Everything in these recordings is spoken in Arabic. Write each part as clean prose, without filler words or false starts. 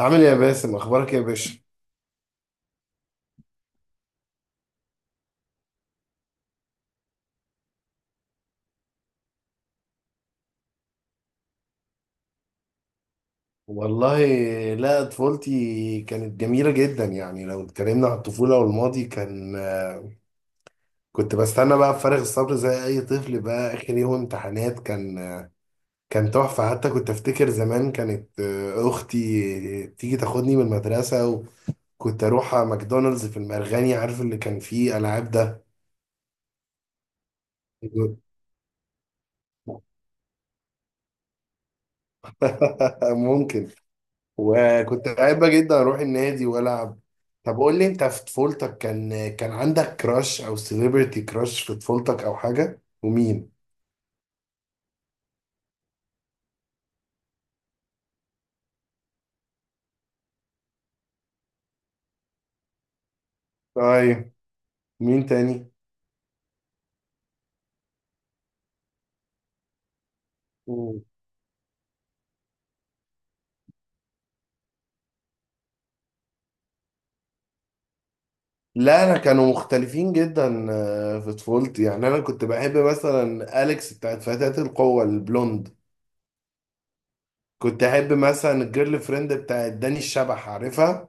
عامل ايه يا باسم؟ اخبارك إيه يا باشا؟ والله، لا طفولتي كانت جميله جدا. يعني لو اتكلمنا عن الطفوله والماضي، كنت بستنى بقى بفارغ الصبر زي اي طفل بقى. اخر يوم امتحانات كان تحفه. حتى كنت افتكر زمان كانت اختي تيجي تاخدني من المدرسه. وكنت اروح على ماكدونالدز في المرغني، عارف اللي كان فيه العاب ده؟ ممكن. وكنت بحب جدا اروح النادي والعب. طب قول لي انت، في طفولتك كان عندك كراش او سيليبرتي كراش في طفولتك او حاجه؟ ومين؟ طيب، مين تاني؟ مم. لا انا كانوا مختلفين جدا. في طفولتي يعني انا كنت بحب مثلا اليكس بتاعت فتاة القوة البلوند. كنت احب مثلا الجيرل فريند بتاعت داني الشبح، عارفها؟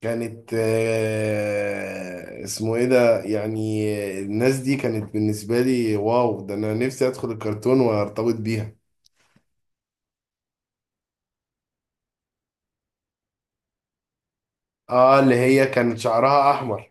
كانت اسمه ايه ده يعني. الناس دي كانت بالنسبة لي واو، ده انا نفسي ادخل الكرتون وارتبط بيها. اه، اللي هي كانت شعرها احمر.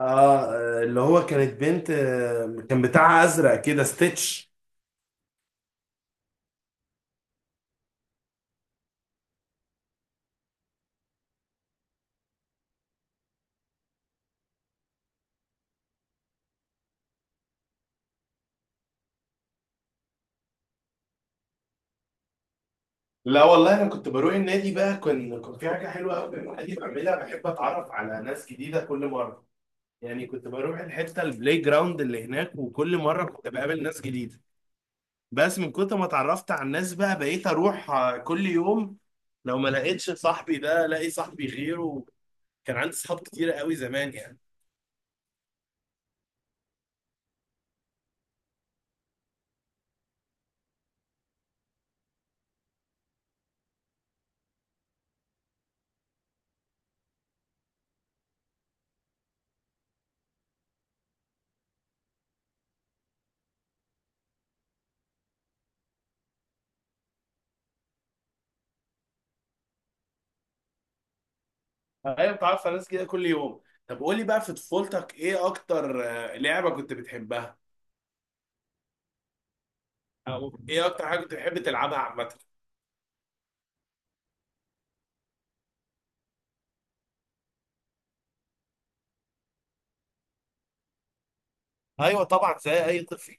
اه، اللي هو كانت بنت كان بتاعها ازرق كده، ستيتش. لا والله، انا كنت بروح النادي بقى. كان في حاجه حلوه قوي النادي بعملها، بحب اتعرف على ناس جديده كل مره. يعني كنت بروح الحته البلاي جراوند اللي هناك، وكل مره كنت بقابل ناس جديده. بس من كتر ما اتعرفت على الناس بقى، بقيت اروح كل يوم. لو ما لقيتش صاحبي ده، الاقي صاحبي غيره. كان عندي صحاب كتير قوي زمان يعني. ايوه، بتعرف على ناس كده كل يوم. طب قول لي بقى، في طفولتك ايه اكتر لعبة كنت بتحبها؟ او ايه اكتر حاجة كنت بتحب تلعبها عامة؟ ايوه طبعا، زي اي طفل.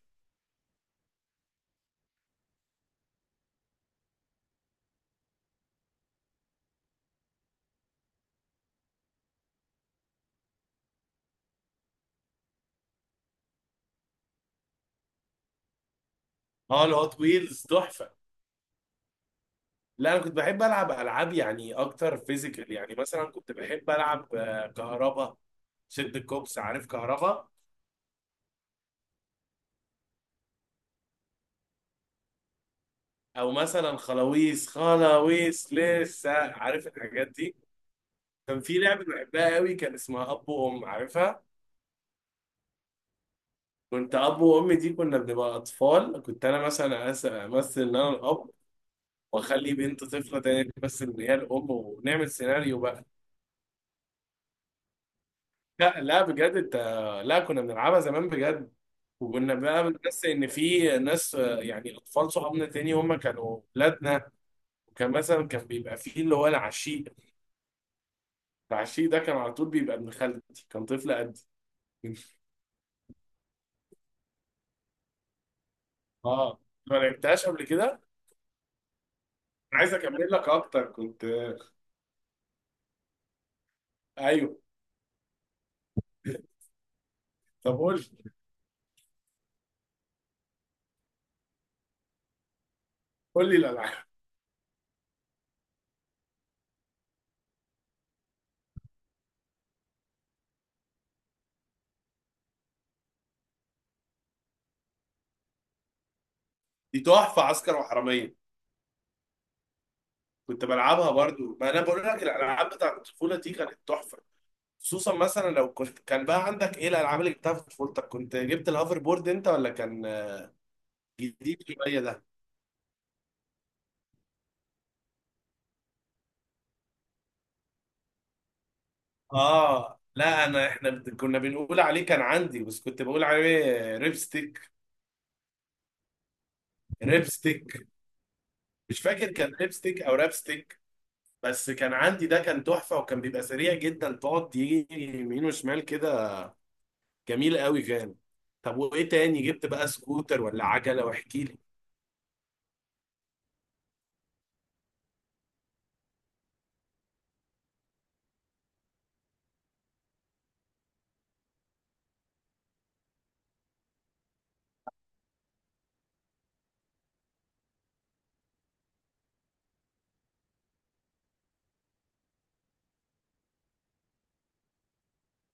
اه، الهوت ويلز تحفة. لا انا كنت بحب العب العاب يعني اكتر فيزيكال. يعني مثلا كنت بحب العب كهربا، شد الكوبس، عارف كهربا؟ او مثلا خلاويص، خلاويص لسه عارف الحاجات دي؟ كان في لعبه بحبها قوي كان اسمها اب وام، عارفها؟ كنت اب وام دي كنا بنبقى اطفال، كنت انا مثلا امثل ان انا الاب، واخلي بنت طفله تانية بس ان هي الام، ونعمل سيناريو بقى. لا لا، بجد انت. لا، كنا بنلعبها زمان بجد. وكنا بقى بنحس ان في ناس يعني اطفال صحابنا تاني هم كانوا ولادنا. وكان مثلا كان بيبقى فيه اللي هو العشيق. العشي ده كان على طول بيبقى ابن خالتي، كان طفل قدي. اه، ما لعبتهاش قبل كده. انا عايز اكمل لك اكتر كنت. ايوه. طب قول لي. قول لي الالعاب. دي تحفه عسكر وحراميه. كنت بلعبها برضو، ما انا بقول لك الالعاب بتاعت الطفوله دي كانت تحفه. خصوصا مثلا لو كان بقى عندك ايه الالعاب اللي جبتها في طفولتك. كنت جبت الهوفر بورد انت ولا كان جديد شويه ده؟ اه لا، احنا كنا بنقول عليه، كان عندي بس كنت بقول عليه ريبستيك. ريبستيك. مش فاكر كان ليبستيك او رابستيك. بس كان عندي ده، كان تحفه وكان بيبقى سريع جدا، تقعد يجي يمين وشمال كده. جميل قوي كان. طب وايه تاني جبت بقى؟ سكوتر ولا عجله؟ واحكي لي.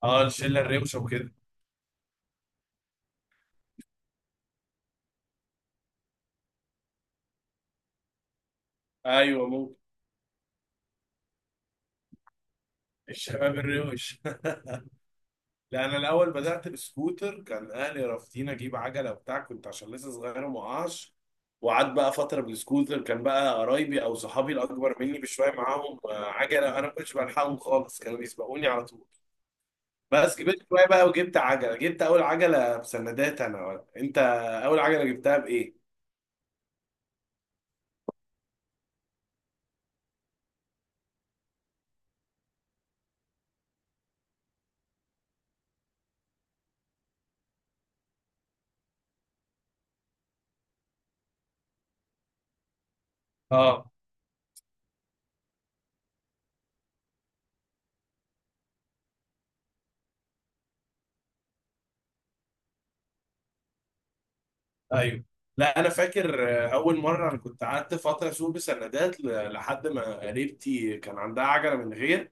اه، الشله الروشه وكده. ايوه ممكن، الشباب الروش. لا انا الاول بدات بسكوتر، كان اهلي رافضين اجيب عجله وبتاع، كنت عشان لسه صغير ومعاش. وقعدت بقى فتره بالسكوتر. كان بقى قرايبي او صحابي الاكبر مني بشويه معاهم عجله، انا ما كنتش بلحقهم خالص، كانوا بيسبقوني على طول. بس كبرت شويه بقى وجبت عجله. جبت اول عجله بسندات انا ولا انت؟ اول عجله جبتها بايه؟ اه ايوه. لا انا فاكر اول مره انا كنت قعدت فتره اسوق بسندات لحد ما قريبتي كان عندها عجله من غير.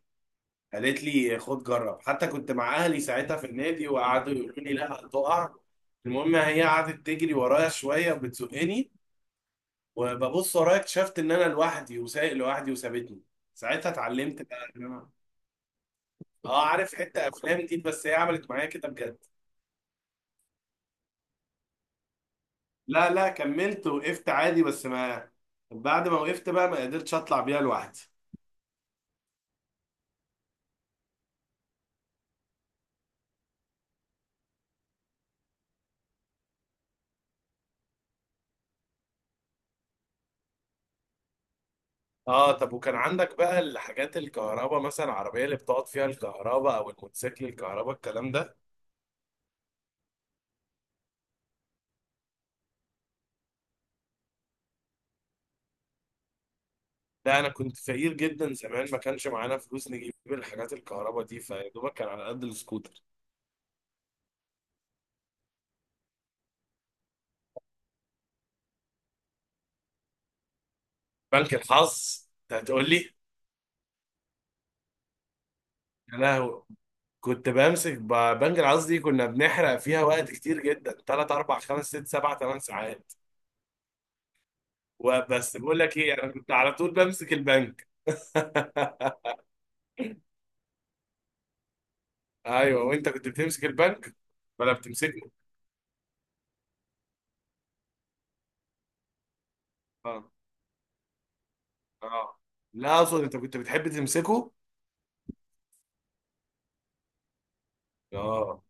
قالت لي خد جرب، حتى كنت مع اهلي ساعتها في النادي وقعدوا يقولوا لي لا هتقع. المهم، هي قعدت تجري ورايا شويه وبتزقني، وببص ورايا اكتشفت ان انا لوحدي وسايق لوحدي وسابتني. ساعتها اتعلمت بقى. اه، عارف حتة افلام دي، بس هي عملت معايا كده بجد. لا لا، كملت وقفت عادي بس ما بعد ما وقفت بقى ما قدرتش اطلع بيها لوحدي. اه، طب وكان عندك بقى الحاجات الكهرباء، مثلا العربية اللي بتقعد فيها الكهرباء او الموتوسيكل الكهرباء الكلام ده؟ لا انا كنت فقير جدا زمان، ما كانش معانا فلوس نجيب الحاجات الكهرباء دي، فيا دوبك كان على قد السكوتر. بنك الحظ انت هتقول لي. يا لهوي. كنت بمسك بنك الحظ دي، كنا بنحرق فيها وقت كتير جدا، 3 4 5 6 7 8 ساعات. وبس بقول لك ايه، انا كنت على طول بمسك البنك. ايوه، وانت كنت بتمسك البنك ولا بتمسكه؟ اه اه. لا، اقصد انت كنت بتحب تمسكه؟ اه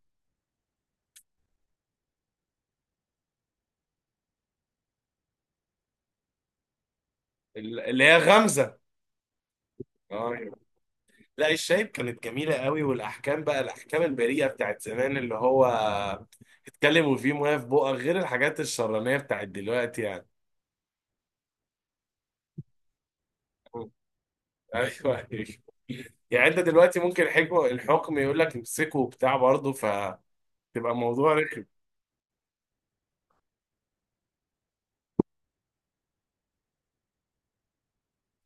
اللي هي غمزه. اه أيوة. لا الشايب كانت جميله قوي، والاحكام بقى الاحكام البريئه بتاعت زمان، اللي هو اتكلم وفيه مويه في بقك، غير الحاجات الشرانيه بتاعت دلوقتي يعني. ايوه ايوه. يعني انت دلوقتي ممكن الحكم يقول لك امسكه وبتاع برضه، فتبقى الموضوع رخم.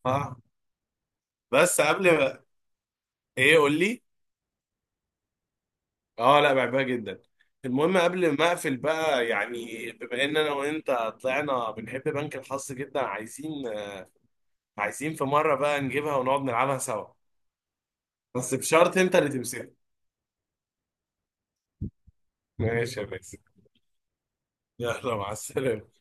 اه، بس قبل ما- ايه قول لي. اه لا، بحبها جدا. المهم قبل ما اقفل بقى، يعني بما ان انا وانت طلعنا بنحب بنك الحظ جدا، عايزين في مره بقى نجيبها ونقعد نلعبها سوا. بس بشرط انت اللي تمسكها. ماشي يا باسم. يلا، مع السلامه.